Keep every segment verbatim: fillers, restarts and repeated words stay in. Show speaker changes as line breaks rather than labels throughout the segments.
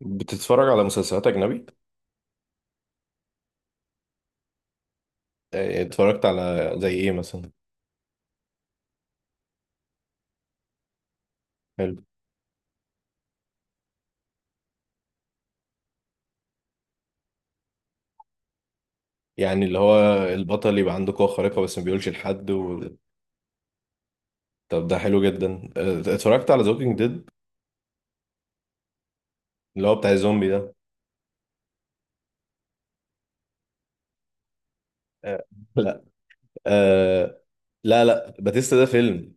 بتتفرج على مسلسلات أجنبي؟ آه، اتفرجت على زي إيه مثلا؟ حلو. يعني اللي هو البطل يبقى عنده قوة خارقة بس ما بيقولش لحد و... طب ده حلو جدا. آه، اتفرجت على زوكينج ديد اللي هو بتاع الزومبي ده. آه، لا. آه. لا لا، باتيستا ده فيلم.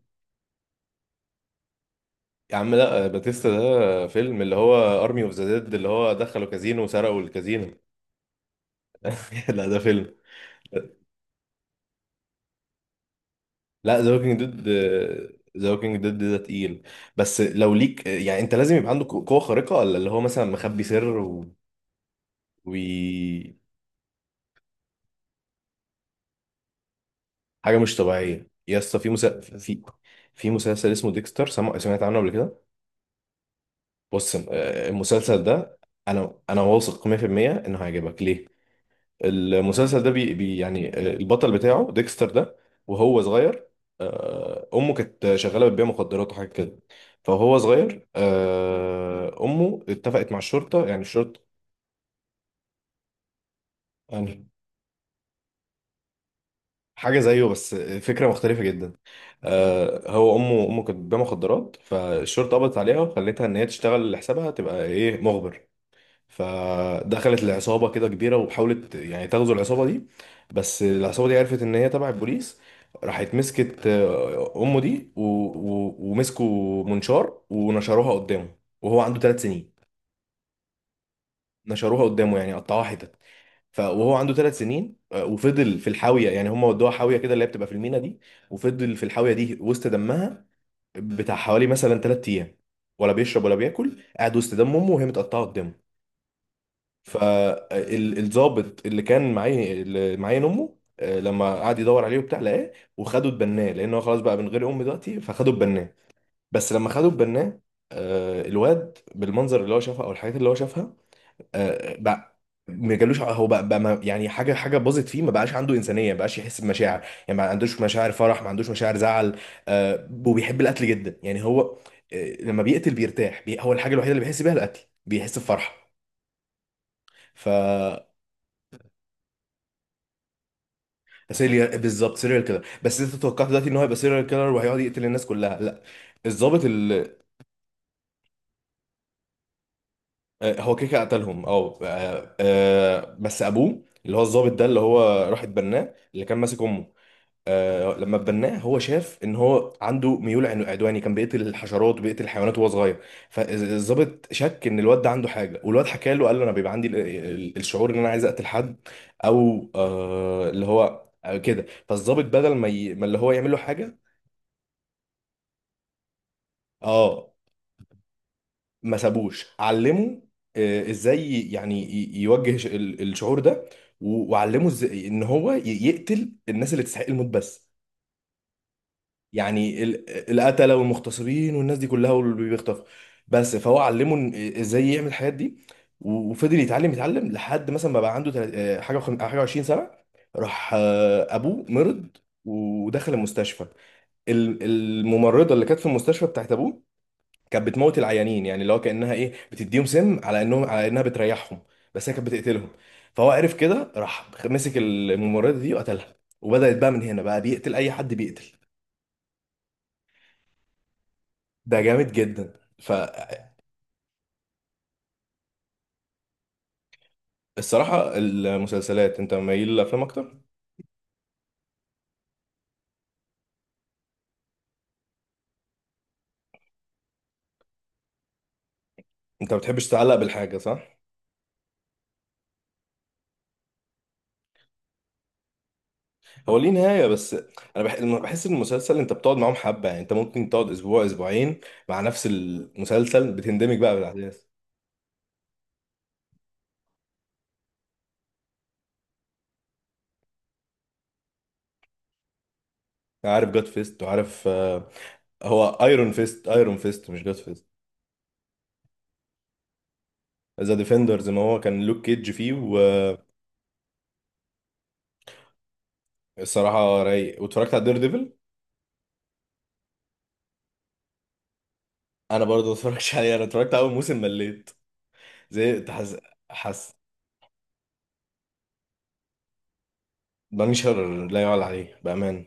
يا عم لا، آه، باتيستا ده فيلم اللي هو أرمي أوف ذا ديد اللي هو دخلوا كازينو وسرقوا الكازينو. لا، ده فيلم. لا، ذا ووكينج ديد. ذا ووكينج ديد ده تقيل. بس لو ليك، يعني انت لازم يبقى عندك قوة خارقة ولا اللي هو مثلا مخبي سر و... و... حاجة مش طبيعية يا اسطى، في مسا... في في مسلسل اسمه ديكستر، سمع... سمعت عنه قبل كده. بص، آه، المسلسل ده انا انا واثق مية في المية انه هيعجبك. ليه؟ المسلسل ده بي بي يعني البطل بتاعه ديكستر ده، وهو صغير آه، امه كانت شغاله بتبيع مخدرات وحاجه كده. فهو صغير، آه، امه اتفقت مع الشرطه، يعني الشرطه. يعني حاجه زيه بس فكره مختلفه جدا. آه، هو امه امه كانت بتبيع مخدرات، فالشرطه قبضت عليها وخلتها ان هي تشتغل لحسابها، تبقى ايه، مخبر. فدخلت العصابة كده كبيرة وحاولت يعني تغزو العصابة دي. بس العصابة دي عرفت ان هي تبع البوليس. راحت مسكت آه، امه دي و... و... ومسكوا منشار ونشروها قدامه وهو عنده ثلاث سنين. نشروها قدامه، يعني قطعوها حتت. ف... وهو عنده ثلاث سنين، آه، وفضل في الحاوية، يعني هم ودوها حاوية كده اللي هي بتبقى في المينا دي، وفضل في الحاوية دي وسط دمها بتاع حوالي مثلا ثلاث ايام، ولا بيشرب ولا بياكل، قاعد وسط دم امه وهي متقطعة قدامه. فالظابط اللي كان معايا اللي معايا امه، آه، لما قعد يدور عليه وبتاع لقاه وخده اتبناه، لان هو خلاص بقى من غير امي دلوقتي، فخده اتبناه. بس لما خده اتبناه، آه، الواد بالمنظر اللي هو شافها او الحاجات اللي هو شافها، آه، بقى ما جالوش ع- هو بقى, بقى ما- يعني حاجه حاجه باظت فيه، ما بقاش عنده انسانيه، ما بقاش يحس بمشاعر، يعني ما عندوش مشاعر فرح ما عندوش مشاعر زعل. آه، وبيحب القتل جدا. يعني هو آه، لما بيقتل بيرتاح، بي- هو الحاجه الوحيده اللي بيحس بيها القتل، بيحس بفرحه. ف سيريال بالظبط، سيريال كيلر. بس انت توقعت دلوقتي ان هو هيبقى سيريال كيلر وهيقعد يقتل الناس كلها؟ لا، الضابط اللي آه، هو كده كده قتلهم. اه آه، آه، بس ابوه اللي هو الضابط ده اللي هو راح اتبناه اللي كان ماسك امه، آه، لما اتبناه هو شاف ان هو عنده ميول عن- عدواني، كان بيقتل الحشرات وبيقتل الحيوانات وهو صغير. فالضابط شك ان الواد ده عنده حاجه، والواد حكى له قال له انا بيبقى عندي ال- ال- الشعور ان انا عايز اقتل حد، او آه، اللي هو آه، كده. فالضابط بدل ما ي... ما اللي هو يعمل له حاجه، اه، ما سابوش، علمه آه، ازاي يعني ي- يوجه ش- ال- الشعور ده، و- وعلمه ازاي ان هو ي- يقتل الناس اللي تستحق الموت بس، يعني ال- القتلة والمغتصبين والناس دي كلها، واللي بيخطفوا. بس فهو علمه إن- آه، ازاي يعمل الحاجات دي، و- وفضل يتعلم يتعلم لحد مثلا ما بقى عنده تلات- آه، حاجة وخم- حاجة عشرين سنة. راح آه، ابوه مرض ودخل المستشفى. ال- الممرضة اللي كانت في المستشفى بتاعت ابوه كانت بتموت العيانين. يعني اللي هو كانها ايه، بتديهم سم على انهم، على انها بتريحهم، بس هي كانت بتقتلهم. فهو عرف كده، راح مسك الممرضه دي وقتلها، وبدات بقى من هنا بقى بيقتل اي حد بيقتل. ده جامد جدا. فالصراحه المسلسلات، انت مايل للافلام اكتر. انت ما بتحبش تتعلق بالحاجه، صح؟ هو ليه نهايه بس. انا بح- لما بحس ان المسلسل انت بتقعد معاهم حبه، يعني انت ممكن تقعد اسبوع اسبوعين مع نفس المسلسل، بتندمج بقى بالاحداث. عارف جاد فيست، وعارف. هو ايرون فيست، ايرون فيست مش جاد فيست. ذا ديفندرز، ما هو كان لوك كيدج فيه. والصراحه رايق، واتفرجت على دير ديفل. انا برضه ما اتفرجتش عليه، انا اتفرجت على اول موسم مليت. زي حس. حس. بنشر لا يعلى عليه بامان.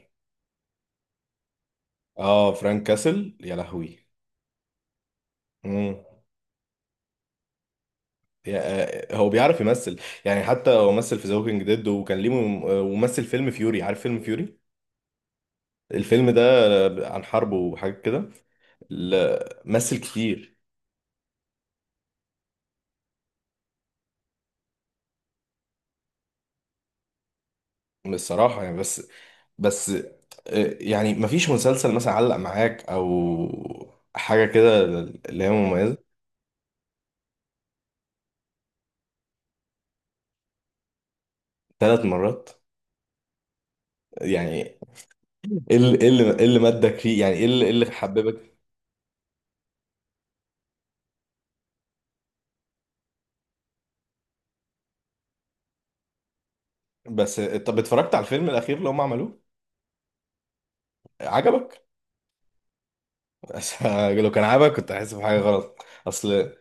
اه فرانك كاسل، يا لهوي. امم يا- آه، هو بيعرف يمثل. يعني حتى هو مثل في ذا ووكينج ديد وكان ليه مم- آه، ومثل فيلم فيوري، عارف فيلم فيوري؟ الفيلم ده عن حرب وحاجات كده. لا، مثل كتير. الصراحة يعني بس. بس آه، يعني مفيش مسلسل مثلا علق معاك او حاجه كده، اللي هي مميزه. ثلاث مرات؟ يعني ايه اللي إيه اللي إيه اللي مدك فيه، يعني ايه اللي إيه اللي حببك؟ بس آه، طب اتفرجت على الفيلم الاخير اللي هم عملوه؟ عجبك؟ بس لو كان عجبك كنت حاسس بحاجه غلط اصل.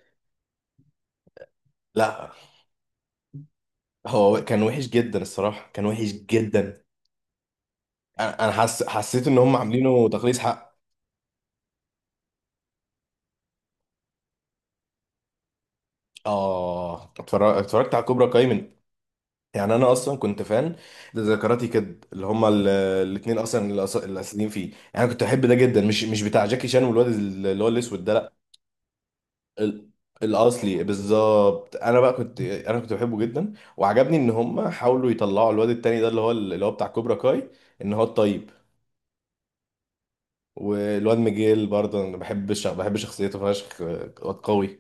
لا. هو كان وحش جدا الصراحه، كان وحش جدا. انا أنا حس... حسيت ان هم عاملينه تقليص حق. اه اتفرج- اتفرجت على كوبرا كاي من، يعني انا اصلا كنت فان لذكراتي كد اللي هما ال- الاتنين اصلا الأص- الاساسيين فيه، يعني كنت احب ده جدا، مش مش بتاع جاكي شان والواد اللي هو الاسود ده لا. ال- الاصلي بالظبط. انا بقى كنت انا كنت بحبه جدا، وعجبني ان هما حاولوا يطلعوا الواد التاني ده اللي هو اللي هو بتاع كوبرا كاي، ان هو الطيب. والواد ميجيل برضه، انا بحب الش- بحب شخصيته فشخ. واد قوي.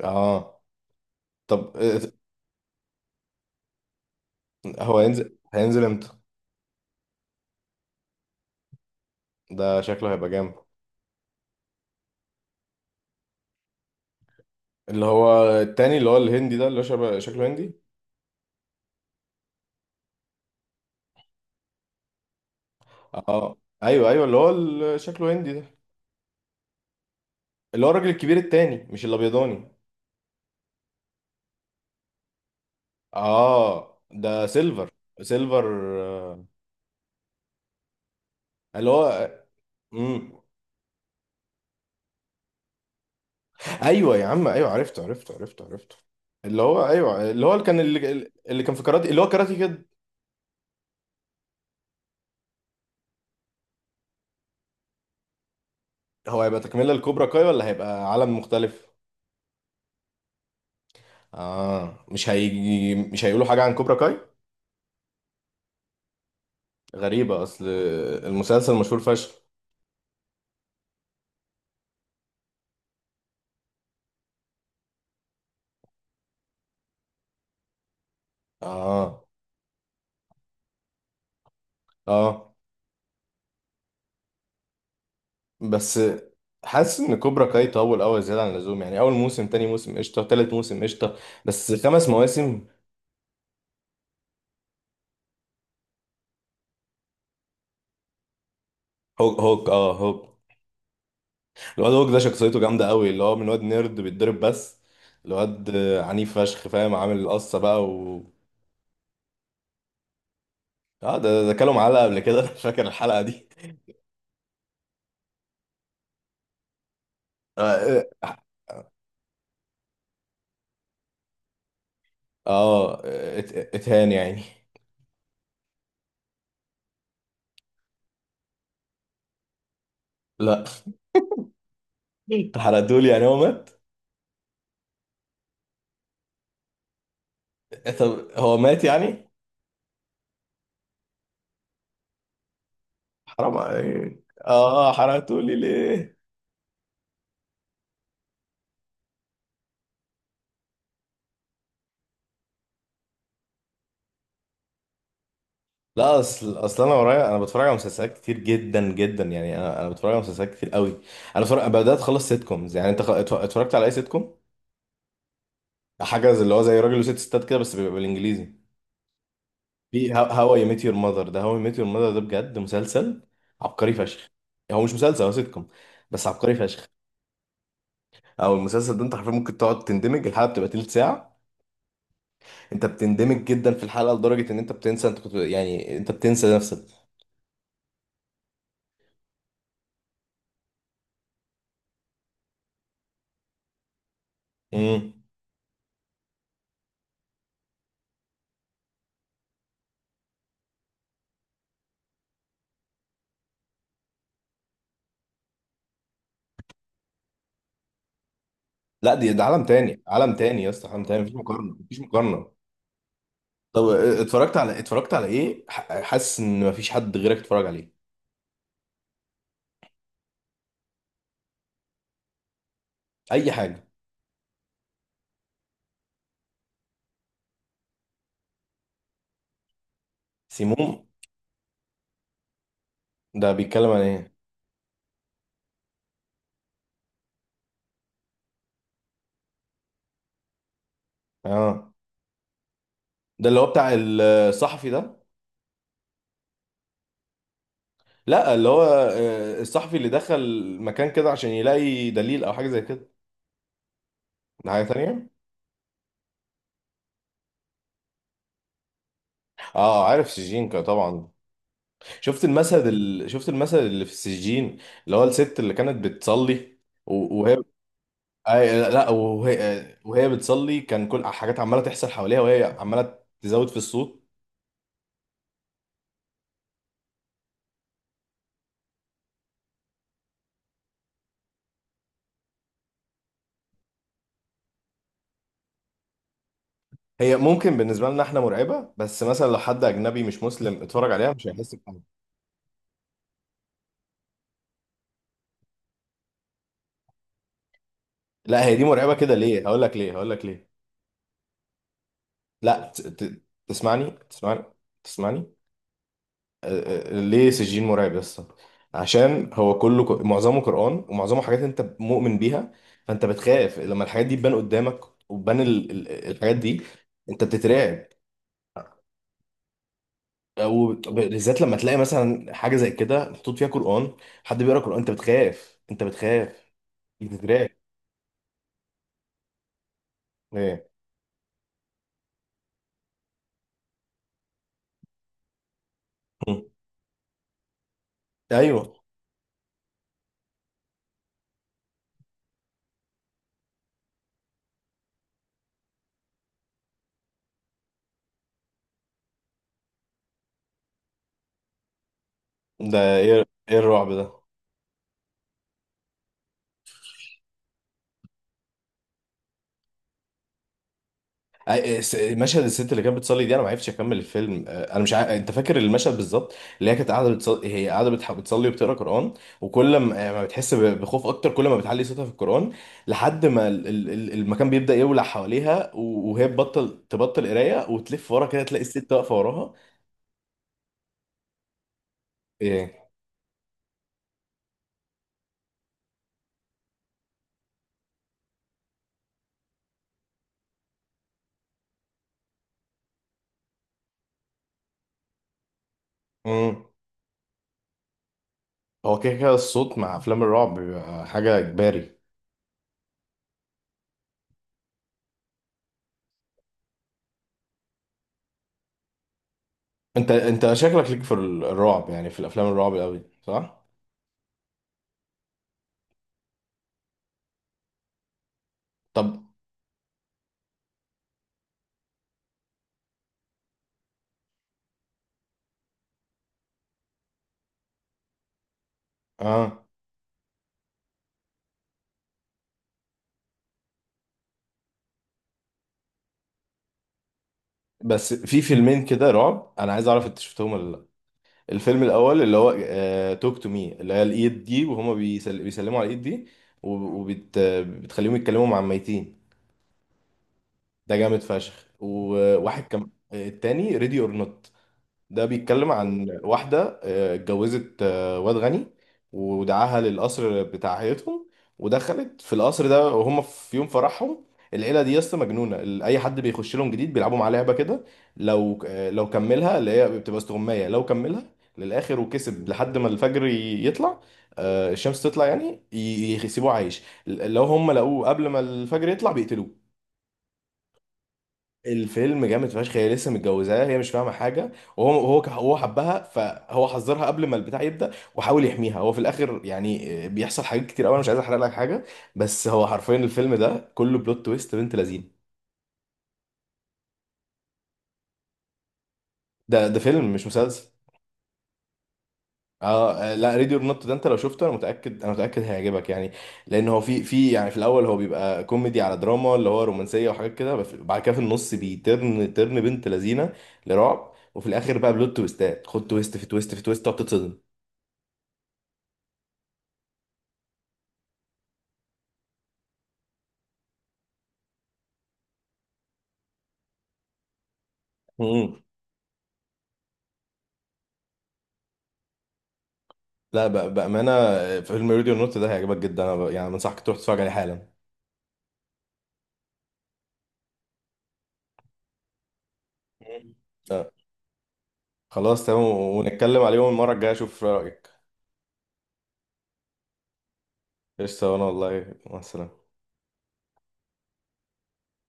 اه. طب آه، هو هينزل هينزل امتى؟ ده شكله هيبقى جامد. اللي هو التاني اللي هو الهندي ده اللي هو شبه شكله هندي. اه، ايوه ايوه اللي هو ال- شكله هندي ده. اللي هو الراجل الكبير التاني مش الابيضاني. اه، ده سيلفر. سيلفر، آه، اللي هو. امم ايوه يا عم، ايوه، عرفته عرفته عرفته عرفته. اللي هو ايوه، اللي هو اللي كان اللي, اللي كان في كاراتي، اللي هو كاراتي كده. هو هيبقى تكمله لكوبرا كاي ولا هيبقى عالم مختلف؟ اه، مش هيجي، مش هيقولوا حاجه عن كوبرا كاي؟ غريبه اصل. المسلسل مشهور فشخ. اه اه. بس حاسس ان كوبرا كاي طول قوي زياده عن اللزوم، يعني اول موسم تاني موسم قشطه، تالت موسم قشطه. بس خمس مواسم. هوك هوك، اه هوك. الواد هوك ده شخصيته جامده قوي، اللي هو من واد نيرد بيتضرب بس. الواد آه، عنيف فشخ، فاهم، عامل القصه بقى و. اه. ده ده كلوا معلقه قبل كده. انا فاكر الحلقه دي. اه اه آه، ات- اتهان يعني؟ لا حرقتولي، يعني هو مات؟ طب هو مات يعني؟ حرام عليك، اه حرقتولي ليه؟ لا، اصل اصل انا ورايا، انا بتفرج على مسلسلات كتير جدا جدا. يعني انا انا بتفرج على مسلسلات كتير قوي. انا بتفرج، أنا بدات اخلص سيت كومز. يعني انت خ- اتف- اتفرجت على اي سيت كوم؟ حاجه زي اللي هو زي راجل وست ستات كده، بس بيبقى بالانجليزي. في هاو اي ميت يور ماذر. ده هاو اي ميت يور ماذر ده بجد مسلسل عبقري فشخ. هو مش مسلسل، هو سيت كوم، بس عبقري فشخ. او المسلسل ده انت حرفيا ممكن تقعد تندمج، الحلقه بتبقى تلت ساعه، انت بتندمج جدا في الحلقه لدرجه ان انت بتنسى انت كنت، يعني انت بتنسى نفسك. امم لا دي ده عالم تاني، عالم تاني يا اسطى، عالم تاني، مفيش مقارنه، مفيش مقارنه. طب اه، اتفرجت على اتفرجت على ايه؟ ح- حاسس ان مفيش حد غيرك اتفرج عليه. اي حاجه. سيموم ده بيتكلم عن ايه؟ اه ده اللي هو بتاع ال- الصحفي ده. لا اللي هو، اه، الصحفي اللي دخل مكان كده عشان يلاقي دليل او حاجه زي كده. ده حاجه تانية. اه، عارف سجين طبعا. شفت المشهد ال... شفت المشهد اللي في السجين، اللي هو الست اللي كانت بتصلي و- وهي. أي لا، وهي وهي بتصلي، كان كل حاجات عماله تحصل حواليها وهي عماله تزود في الصوت. هي ممكن بالنسبه لنا احنا مرعبه، بس مثلا لو حد اجنبي مش مسلم اتفرج عليها مش هيحس بحاجه. لا، هي دي مرعبه كده، ليه؟ هقول لك ليه، هقول لك ليه. لا ت- ت- تسمعني، تسمعني، تسمعني. أه، أه، ليه سجين مرعب يا اسطى؟ عشان هو كله ك- معظمه قران، ومعظمه حاجات انت مؤمن بيها، فانت بتخاف لما الحاجات دي تبان قدامك، وتبان ال- ال- الحاجات دي، انت بتترعب، وبالذات بالذات لما تلاقي مثلا حاجه زي كده محطوط فيها قران، حد بيقرا قران، انت بتخاف، انت بتخاف، بتترعب. ايه؟ مم. ايوه. ده ايه، ايه الرعب ده؟ أي- إيه س- مشهد الست اللي كانت بتصلي دي، انا ما عرفتش اكمل الفيلم، آه، انا مش عارف، انت فاكر المشهد بالظبط؟ اللي هي كانت قاعده بتصلي، هي قاعده بتح- بتصلي وبتقرا قران، وكل ما آه، ما بتحس ب- بخوف اكتر، كل ما بتعلي صوتها في القران، لحد ما ال- ال- ال- المكان بيبدا يولع حواليها، و- وهي تبطل، تبطل قرايه وتلف ورا كده، تلاقي الست واقفه وراها. إيه؟ مم. هو كده كده الصوت مع افلام الرعب بيبقى حاجه اجباري. انت انت شكلك ليك في ال- الرعب، يعني في الافلام الرعب قوي صح؟ طب اه، بس في فيلمين كده رعب، انا عايز اعرف انت شفتهم ولا لا. الفيلم الاول اللي هو توك تو مي، اللي هي الايد دي وهما بيسل... بيسلموا على الايد دي وبتخليهم وبت... بتخليهم يتكلموا مع الميتين. ده جامد فشخ. وواحد كم آه، التاني ريدي اور نوت، ده بيتكلم عن واحدة آه، اتجوزت آه، واد غني، ودعاها للقصر بتاع عيلتهم، ودخلت في القصر ده وهم في يوم فرحهم. العيلة دي يا اسطى مجنونة. ال- أي حد بيخش لهم جديد بيلعبوا معاه لعبة كده، لو آه، لو كملها اللي هي بتبقى استغماية، لو كملها للآخر وكسب لحد ما الفجر ي- يطلع، آه، الشمس تطلع، يعني ي- يسيبوه عايش. ل- لو هم لقوه قبل ما الفجر يطلع بيقتلوه. الفيلم جامد فشخ. هي لسه متجوزاه، هي مش فاهمه حاجه، وهو هو هو حبها فهو حذرها قبل ما البتاع يبدا وحاول يحميها. هو في الاخر يعني آه، بيحصل حاجات كتير قوي، انا مش عايز احرق لك حاجه، بس هو حرفيا الفيلم ده كله بلوت تويست بنت لذينه. ده ده فيلم مش مسلسل. اه آه، لا ريدي اور نوت ده انت لو شفته انا متاكد، انا متاكد هيعجبك يعني، لان هو في في، يعني في الاول هو بيبقى كوميدي على دراما اللي هو رومانسيه وحاجات كده، بس بعد كده في النص بيترن ترن بنت لذينه لرعب، وفي الاخر بقى بلوت تويستات، خد تويست في تويست في تويست، تقعد تتصدم. مم. لا بأ- بأمانة فيلم راديو نوت ده هيعجبك جدا، أنا ب- يعني بنصحك تروح تتفرج عليه حالا. مم. آه. خلاص تمام، ونتكلم عليهم المرة الجاية، أشوف رأيك. قشطة، وأنا والله مع السلامة.